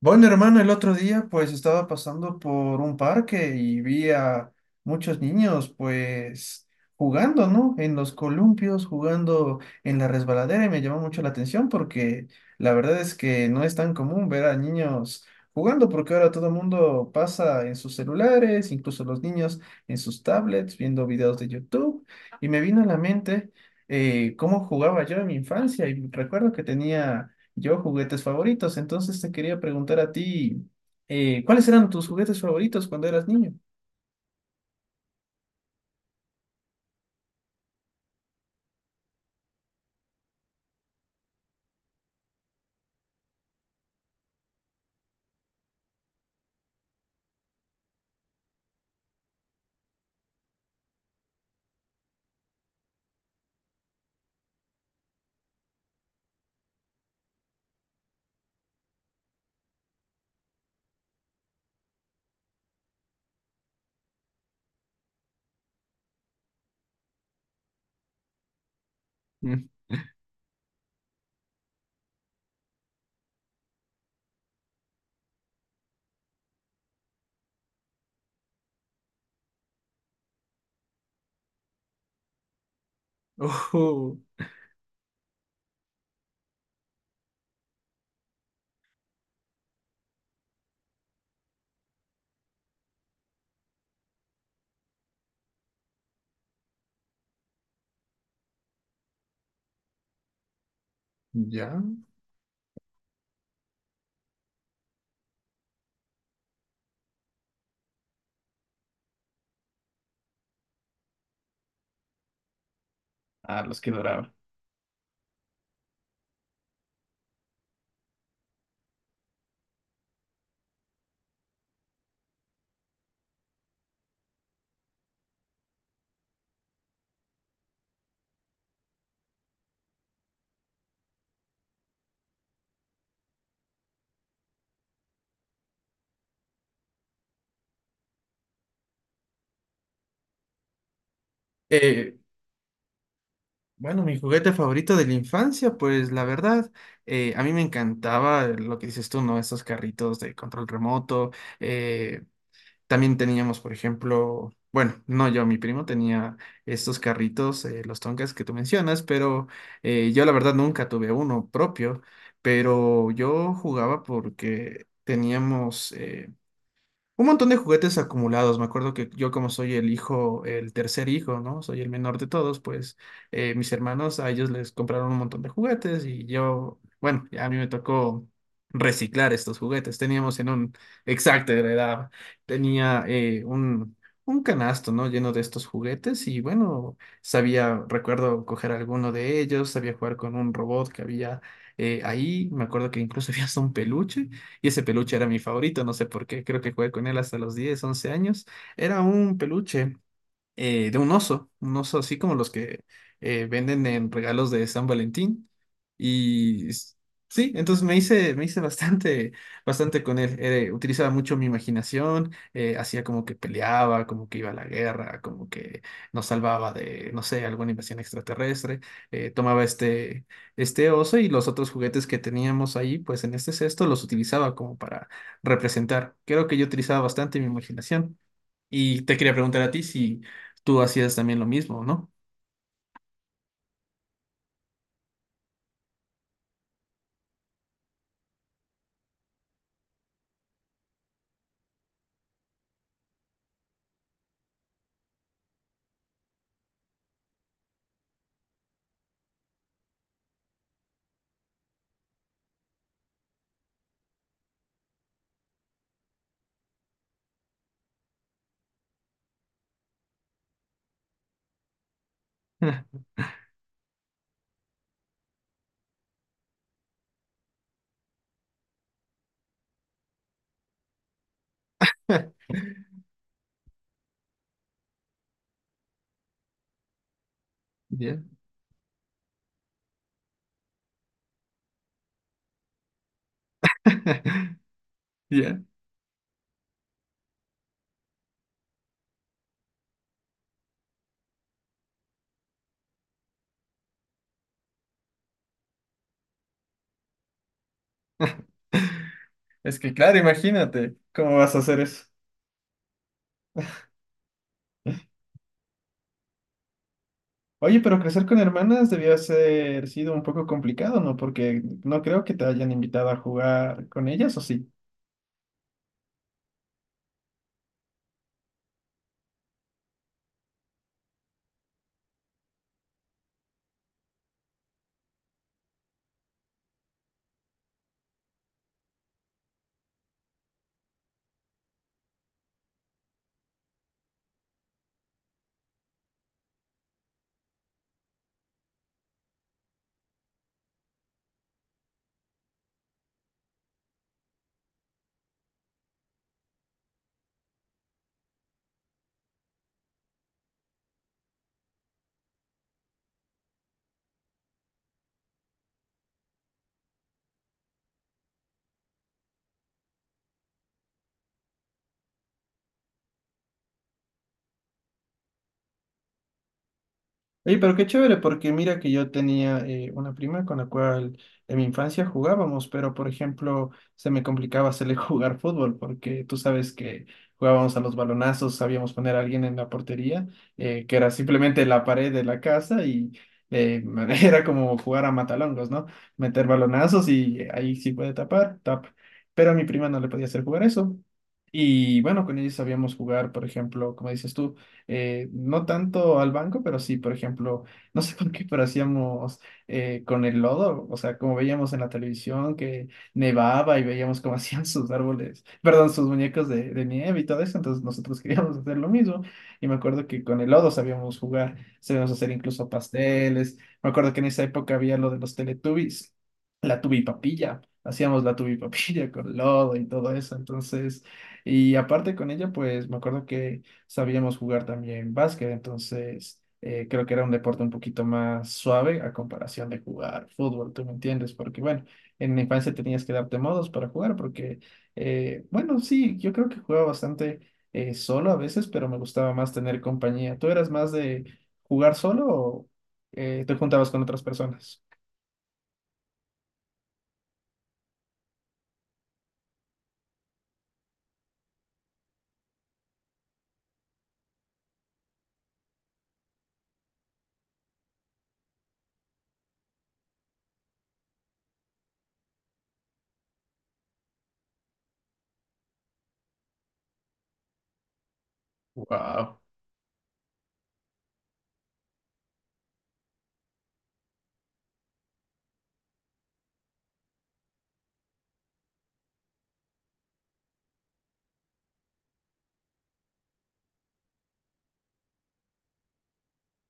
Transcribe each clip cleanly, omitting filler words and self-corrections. Bueno, hermano, el otro día estaba pasando por un parque y vi a muchos niños jugando, ¿no? En los columpios, jugando en la resbaladera y me llamó mucho la atención porque la verdad es que no es tan común ver a niños jugando porque ahora todo el mundo pasa en sus celulares, incluso los niños en sus tablets, viendo videos de YouTube y me vino a la mente cómo jugaba yo en mi infancia y recuerdo que tenía yo, juguetes favoritos. Entonces te quería preguntar a ti, ¿cuáles eran tus juguetes favoritos cuando eras niño? Mm. Ojo, ya. Ah, los que adoraban. Eh, bueno, mi juguete favorito de la infancia, pues la verdad, a mí me encantaba lo que dices tú, ¿no? Esos carritos de control remoto. eh, También teníamos, por ejemplo, bueno, no yo, mi primo tenía estos carritos, los Tonkas que tú mencionas, pero yo la verdad nunca tuve uno propio, pero yo jugaba porque teníamos, un montón de juguetes acumulados. Me acuerdo que yo como soy el hijo, el tercer hijo, ¿no? Soy el menor de todos, pues mis hermanos a ellos les compraron un montón de juguetes y yo, bueno, a mí me tocó reciclar estos juguetes. Teníamos en un, exacto, de la edad, tenía un canasto, ¿no? Lleno de estos juguetes y bueno, sabía, recuerdo coger alguno de ellos, sabía jugar con un robot que había ahí. Me acuerdo que incluso había hasta un peluche. Y ese peluche era mi favorito, no sé por qué, creo que jugué con él hasta los 10 u 11 años. Era un peluche de un oso así como los que venden en regalos de San Valentín. Y s- sí, entonces me hice bastante, bastante con él. Utilizaba mucho mi imaginación, hacía como que peleaba, como que iba a la guerra, como que nos salvaba de, no sé, alguna invasión extraterrestre. Tomaba este oso y los otros juguetes que teníamos ahí, pues en este cesto los utilizaba como para representar. Creo que yo utilizaba bastante mi imaginación. Y te quería preguntar a ti si tú hacías también lo mismo, ¿no? Ya. Ya. Es que claro, imagínate cómo vas a hacer eso. Oye, pero crecer con hermanas debió ser sido un poco complicado, ¿no? Porque no creo que te hayan invitado a jugar con ellas, ¿o sí? Oye, pero qué chévere, porque mira que yo tenía una prima con la cual en mi infancia jugábamos, pero por ejemplo se me complicaba hacerle jugar fútbol, porque tú sabes que jugábamos a los balonazos, sabíamos poner a alguien en la portería, que era simplemente la pared de la casa y eh, era como jugar a matalongos, ¿no? Meter balonazos y ahí sí puede tapar, tap. Pero a mi prima no le podía hacer jugar eso. Y bueno, con ellos sabíamos jugar, por ejemplo, como dices tú no tanto al banco, pero sí, por ejemplo, no sé por qué, pero hacíamos con el lodo, o sea, como veíamos en la televisión que nevaba y veíamos cómo hacían sus árboles, perdón, sus muñecos de nieve y todo eso, entonces nosotros queríamos hacer lo mismo y me acuerdo que con el lodo sabíamos jugar, sabíamos hacer incluso pasteles, me acuerdo que en esa época había lo de los Teletubbies, la tubipapilla. Hacíamos la tubipapilla con lodo y todo eso, entonces, y aparte con ella, pues me acuerdo que sabíamos jugar también básquet, entonces creo que era un deporte un poquito más suave a comparación de jugar fútbol, ¿tú me entiendes? Porque bueno, en la infancia tenías que darte modos para jugar porque, bueno, sí, yo creo que jugaba bastante solo a veces, pero me gustaba más tener compañía. ¿Tú eras más de jugar solo o te juntabas con otras personas? Wow.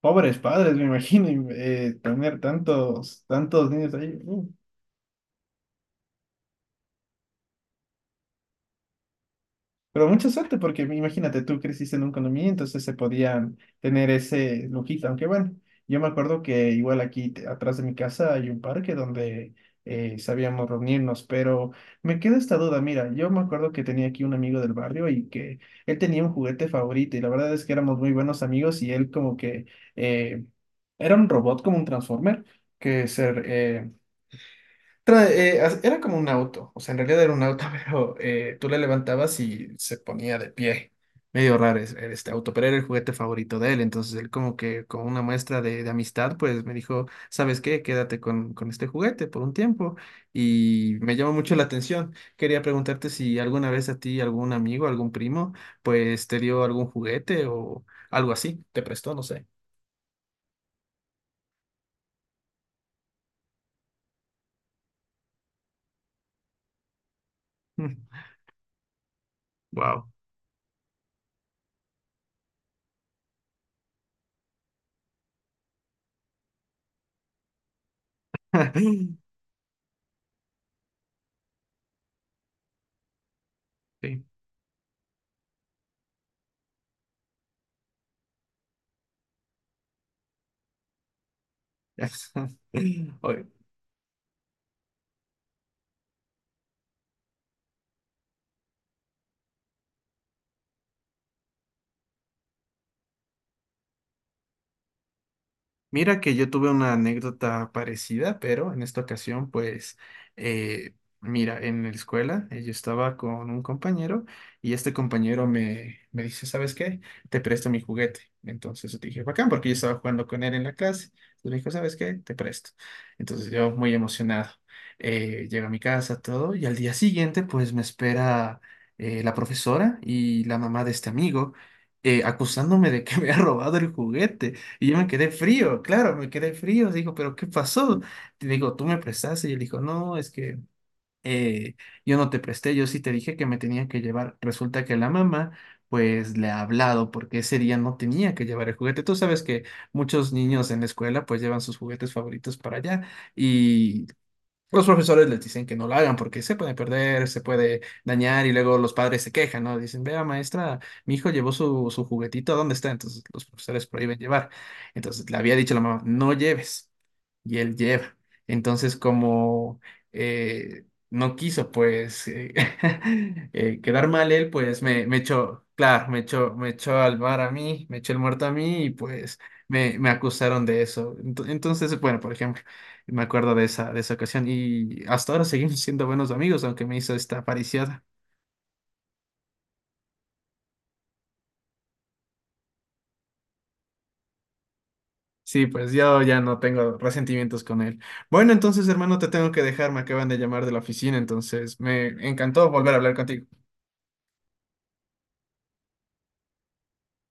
Pobres padres, me imagino, y, tener tantos niños ahí. Pero mucha suerte, porque imagínate, tú creciste en un condominio, entonces se podían tener ese lujito. Aunque bueno, yo me acuerdo que igual aquí atrás de mi casa hay un parque donde sabíamos reunirnos, pero me queda esta duda. Mira, yo me acuerdo que tenía aquí un amigo del barrio y que él tenía un juguete favorito y la verdad es que éramos muy buenos amigos y él como que eh, era un robot como un Transformer que era como un auto, o sea, en realidad era un auto, pero tú le levantabas y se ponía de pie. Medio raro era este auto, pero era el juguete favorito de él. Entonces él como que con una muestra de amistad, pues me dijo, ¿sabes qué? Quédate con este juguete por un tiempo. Y me llamó mucho la atención. Quería preguntarte si alguna vez a ti, algún amigo, algún primo, pues te dio algún juguete o algo así, te prestó, no sé. Wow. Sí. Oye, mira que yo tuve una anécdota parecida, pero en esta ocasión, pues, eh, mira, en la escuela yo estaba con un compañero y este compañero me dice, ¿sabes qué? Te presto mi juguete. Entonces yo te dije, bacán, porque yo estaba jugando con él en la clase. Entonces me dijo, ¿sabes qué? Te presto. Entonces yo muy emocionado. Llego a mi casa, todo, y al día siguiente, pues, me espera la profesora y la mamá de este amigo. Acusándome de que me ha robado el juguete. Y yo me quedé frío, claro, me quedé frío. Digo, ¿pero qué pasó? Te digo, tú me prestaste. Y él dijo, no, es que eh, yo no te presté, yo sí te dije que me tenía que llevar. Resulta que la mamá, pues le ha hablado porque ese día no tenía que llevar el juguete. Tú sabes que muchos niños en la escuela, pues llevan sus juguetes favoritos para allá. Los profesores les dicen que no lo hagan porque se puede perder, se puede dañar y luego los padres se quejan, ¿no? Dicen, vea maestra, mi hijo llevó su juguetito, ¿dónde está? Entonces los profesores prohíben llevar. Entonces le había dicho la mamá, no lleves. Y él lleva. Entonces como eh, no quiso pues quedar mal él, pues me echó, claro, me echó al bar a mí, me echó el muerto a mí y pues me acusaron de eso. Entonces, bueno, por ejemplo. Me acuerdo de esa ocasión y hasta ahora seguimos siendo buenos amigos, aunque me hizo esta pariciada. Sí, pues yo ya no tengo resentimientos con él. Bueno, entonces, hermano, te tengo que dejar, me acaban de llamar de la oficina, entonces me encantó volver a hablar contigo.